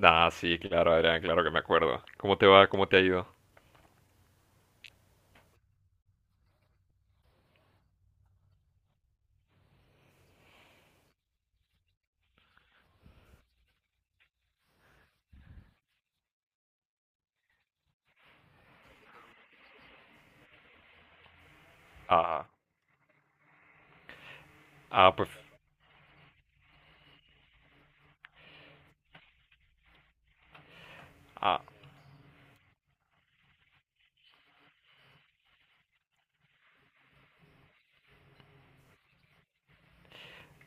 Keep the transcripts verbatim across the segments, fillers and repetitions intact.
Ah, sí, claro, Adrián, claro que me acuerdo. ¿Cómo te va? ¿Cómo te ha ido? Ah, ah, pues, ah,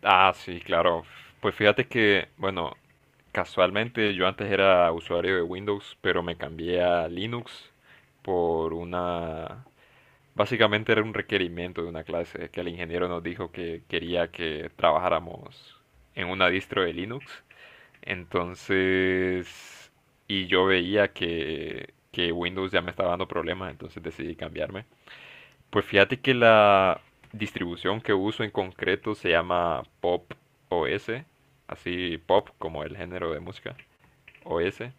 ah, sí, claro. Pues fíjate que, bueno, casualmente yo antes era usuario de Windows, pero me cambié a Linux por una. Básicamente era un requerimiento de una clase que el ingeniero nos dijo que quería que trabajáramos en una distro de Linux. Entonces, y yo veía que, que Windows ya me estaba dando problemas, entonces decidí cambiarme. Pues fíjate que la distribución que uso en concreto se llama Pop O S, así pop como el género de música, O S.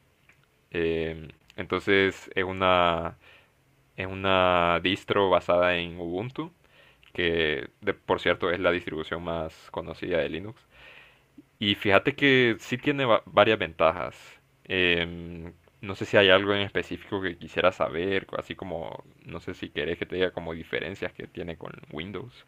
Em, entonces es una, es una, distro basada en Ubuntu, que de- por cierto es la distribución más conocida de Linux. Y fíjate que sí tiene va- varias ventajas. Em, no sé si hay algo en específico que quisiera saber, así como no sé si querés que te diga como diferencias que tiene con Windows.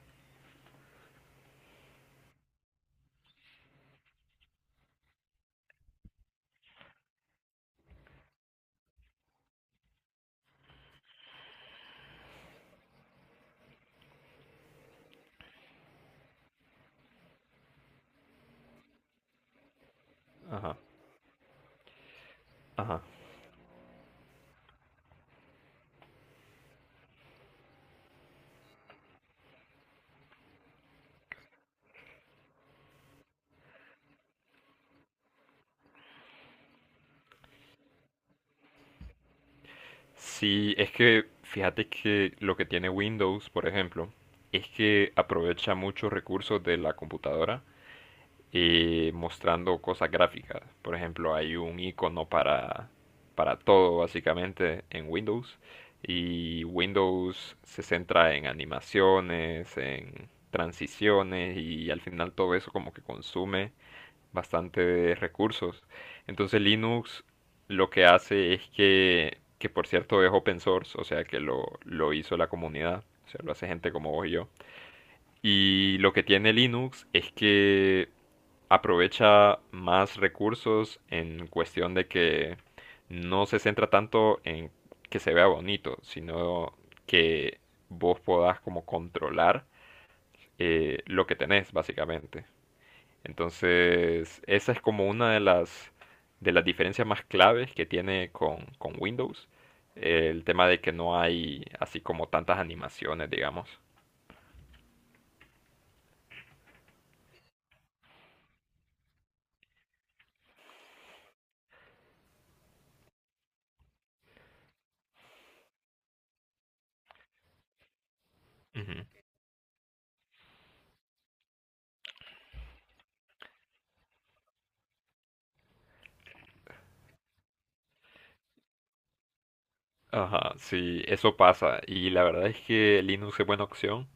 Ajá, ajá. Sí, es que fíjate que lo que tiene Windows, por ejemplo, es que aprovecha muchos recursos de la computadora, eh, mostrando cosas gráficas. Por ejemplo, hay un icono para, para todo básicamente en Windows y Windows se centra en animaciones, en transiciones y al final todo eso como que consume bastante de recursos. Entonces Linux lo que hace es que, que por cierto es open source, o sea que lo, lo hizo la comunidad, o sea, lo hace gente como vos y yo. Y lo que tiene Linux es que aprovecha más recursos en cuestión de que no se centra tanto en que se vea bonito, sino que vos podás como controlar, eh, lo que tenés, básicamente. Entonces, esa es como una de las, de las, diferencias más claves que tiene con, con Windows. El tema de que no hay así como tantas animaciones, digamos. Ujú. Ajá, sí, eso pasa. Y la verdad es que Linux es buena opción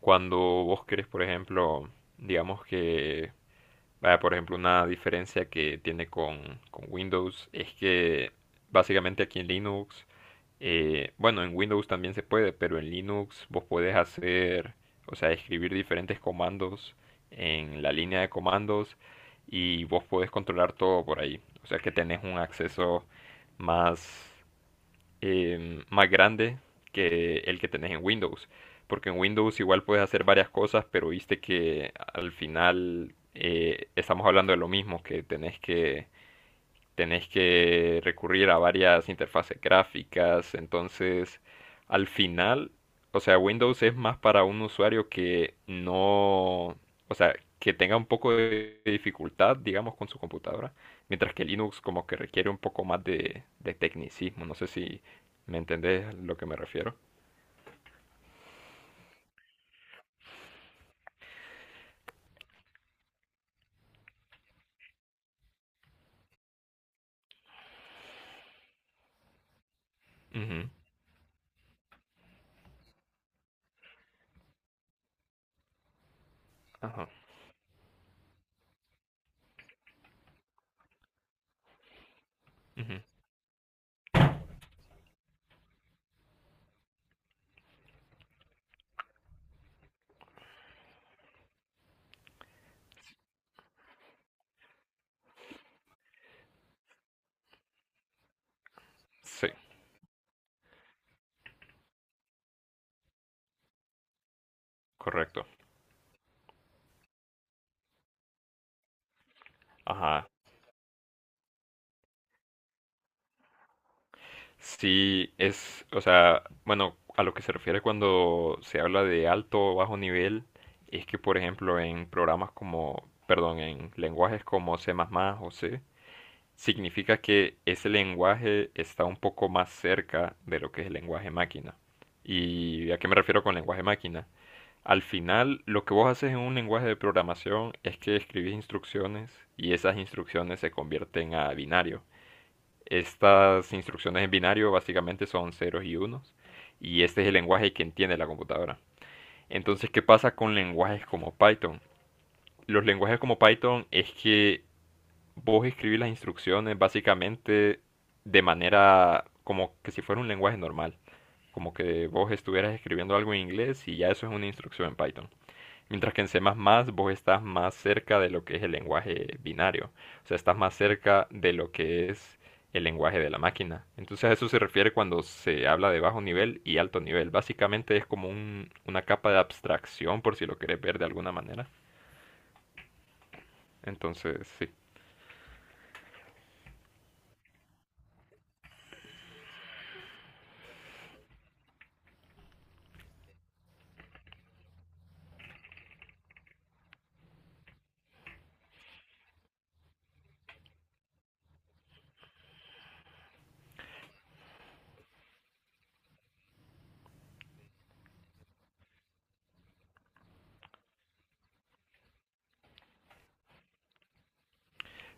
cuando vos querés, por ejemplo, digamos que, vaya, por ejemplo, una diferencia que tiene con, con, Windows es que básicamente aquí en Linux, Eh, bueno, en Windows también se puede, pero en Linux vos podés hacer, o sea, escribir diferentes comandos en la línea de comandos y vos podés controlar todo por ahí. O sea que tenés un acceso más, em, más grande que el que tenés en Windows. Porque en Windows igual puedes hacer varias cosas, pero viste que al final, eh, estamos hablando de lo mismo, que tenés que tenés que recurrir a varias interfaces gráficas, entonces al final, o sea, Windows es más para un usuario que no, o sea, que tenga un poco de dificultad, digamos, con su computadora, mientras que Linux como que requiere un poco más de, de tecnicismo, no sé si me entendés a lo que me refiero. Ujú, ajá. Ujú. Sí, correcto. Ajá. Sí, es, o sea, bueno, a lo que se refiere cuando se habla de alto o bajo nivel, es que, por ejemplo, en programas como, perdón, en lenguajes como C++ o C, significa que ese lenguaje está un poco más cerca de lo que es el lenguaje máquina. ¿Y a qué me refiero con lenguaje máquina? Al final, lo que vos haces en un lenguaje de programación es que escribís instrucciones y esas instrucciones se convierten a binarios. Estas instrucciones en binario básicamente son ceros y unos, y este es el lenguaje que entiende la computadora. Entonces, ¿qué pasa con lenguajes como Python? Los lenguajes como Python es que vos escribís las instrucciones básicamente de manera como que si fuera un lenguaje normal, como que vos estuvieras escribiendo algo en inglés y ya eso es una instrucción en Python. Mientras que en C++ vos estás más cerca de lo que es el lenguaje binario, o sea, estás más cerca de lo que es el lenguaje de la máquina. Entonces a eso se refiere cuando se habla de bajo nivel y alto nivel. Básicamente es como un- una capa de abstracción, por si lo querés ver de alguna manera. Entonces, sí.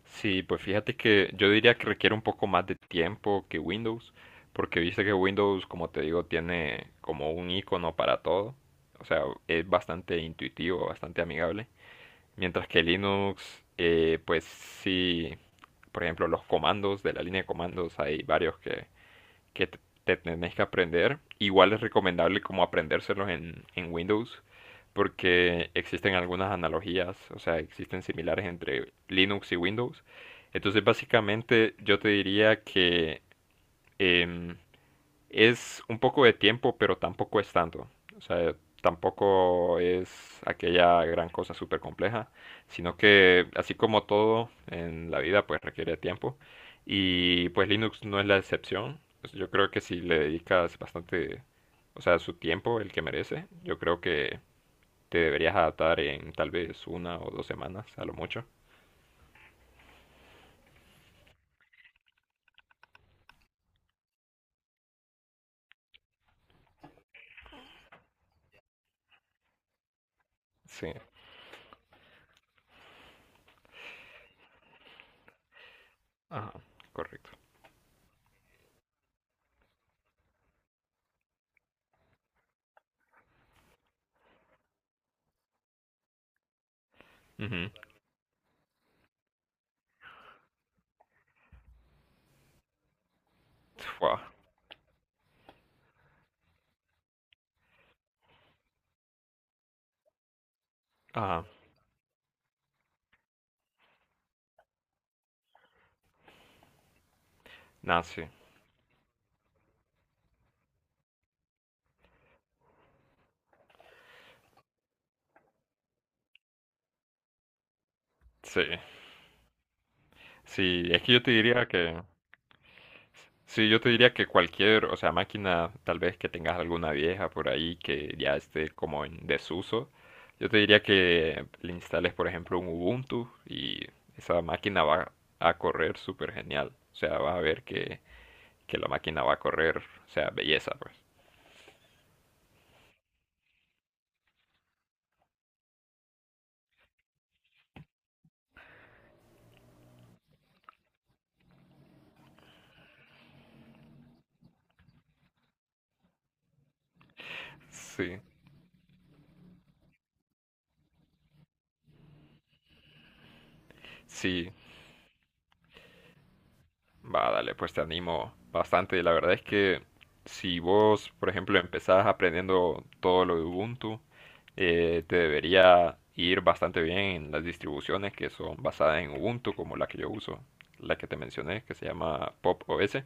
Sí, pues fíjate que yo diría que requiere un poco más de tiempo que Windows, porque viste que Windows, como te digo, tiene como un icono para todo. O sea, es bastante intuitivo, bastante amigable. Mientras que Linux, eh, pues sí, por ejemplo, los comandos de la línea de comandos, hay varios que, que te te tenés que aprender. Igual es recomendable como aprendérselos en, en Windows, porque existen algunas analogías, o sea, existen similares entre Linux y Windows. Entonces, básicamente, yo te diría que, em, es un poco de tiempo, pero tampoco es tanto. O sea, tampoco es aquella gran cosa súper compleja, sino que así como todo en la vida, pues requiere tiempo. Y pues Linux no es la excepción. Pues, yo creo que si le dedicas bastante, o sea, su tiempo, el que merece, yo creo que te deberías adaptar en tal vez una o dos semanas, a lo mucho. Sí, ajá, correcto. Ujú. Fua. Ajá, nada, sí. Sí. Sí, es que yo te diría que, sí, yo te diría que cualquier, o sea, máquina, tal vez que tengas alguna vieja por ahí que ya esté como en desuso, yo te diría que le instales, por ejemplo, un Ubuntu y esa máquina va a correr súper genial. O sea, vas a ver que, que la máquina va a correr, o sea, belleza, pues. Sí, sí. Va, dale, pues te animo bastante. La verdad es que si vos, por ejemplo, empezás aprendiendo todo lo de Ubuntu, eh, te debería ir bastante bien en las distribuciones que son basadas en Ubuntu, como la que yo uso, la que te mencioné, que se llama Pop O S.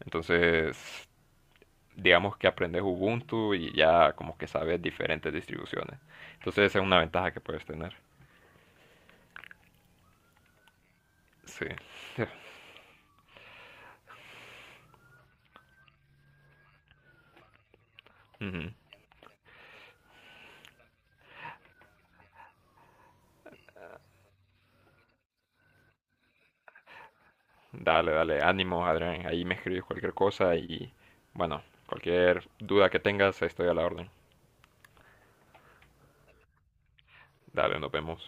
Entonces, digamos que aprendes Ubuntu y ya como que sabes diferentes distribuciones. Entonces, esa es una ventaja que puedes tener. Sí. Dale, dale, ánimo, Adrián. Ahí me escribes cualquier cosa y bueno, cualquier duda que tengas, estoy a la orden. Dale, nos vemos.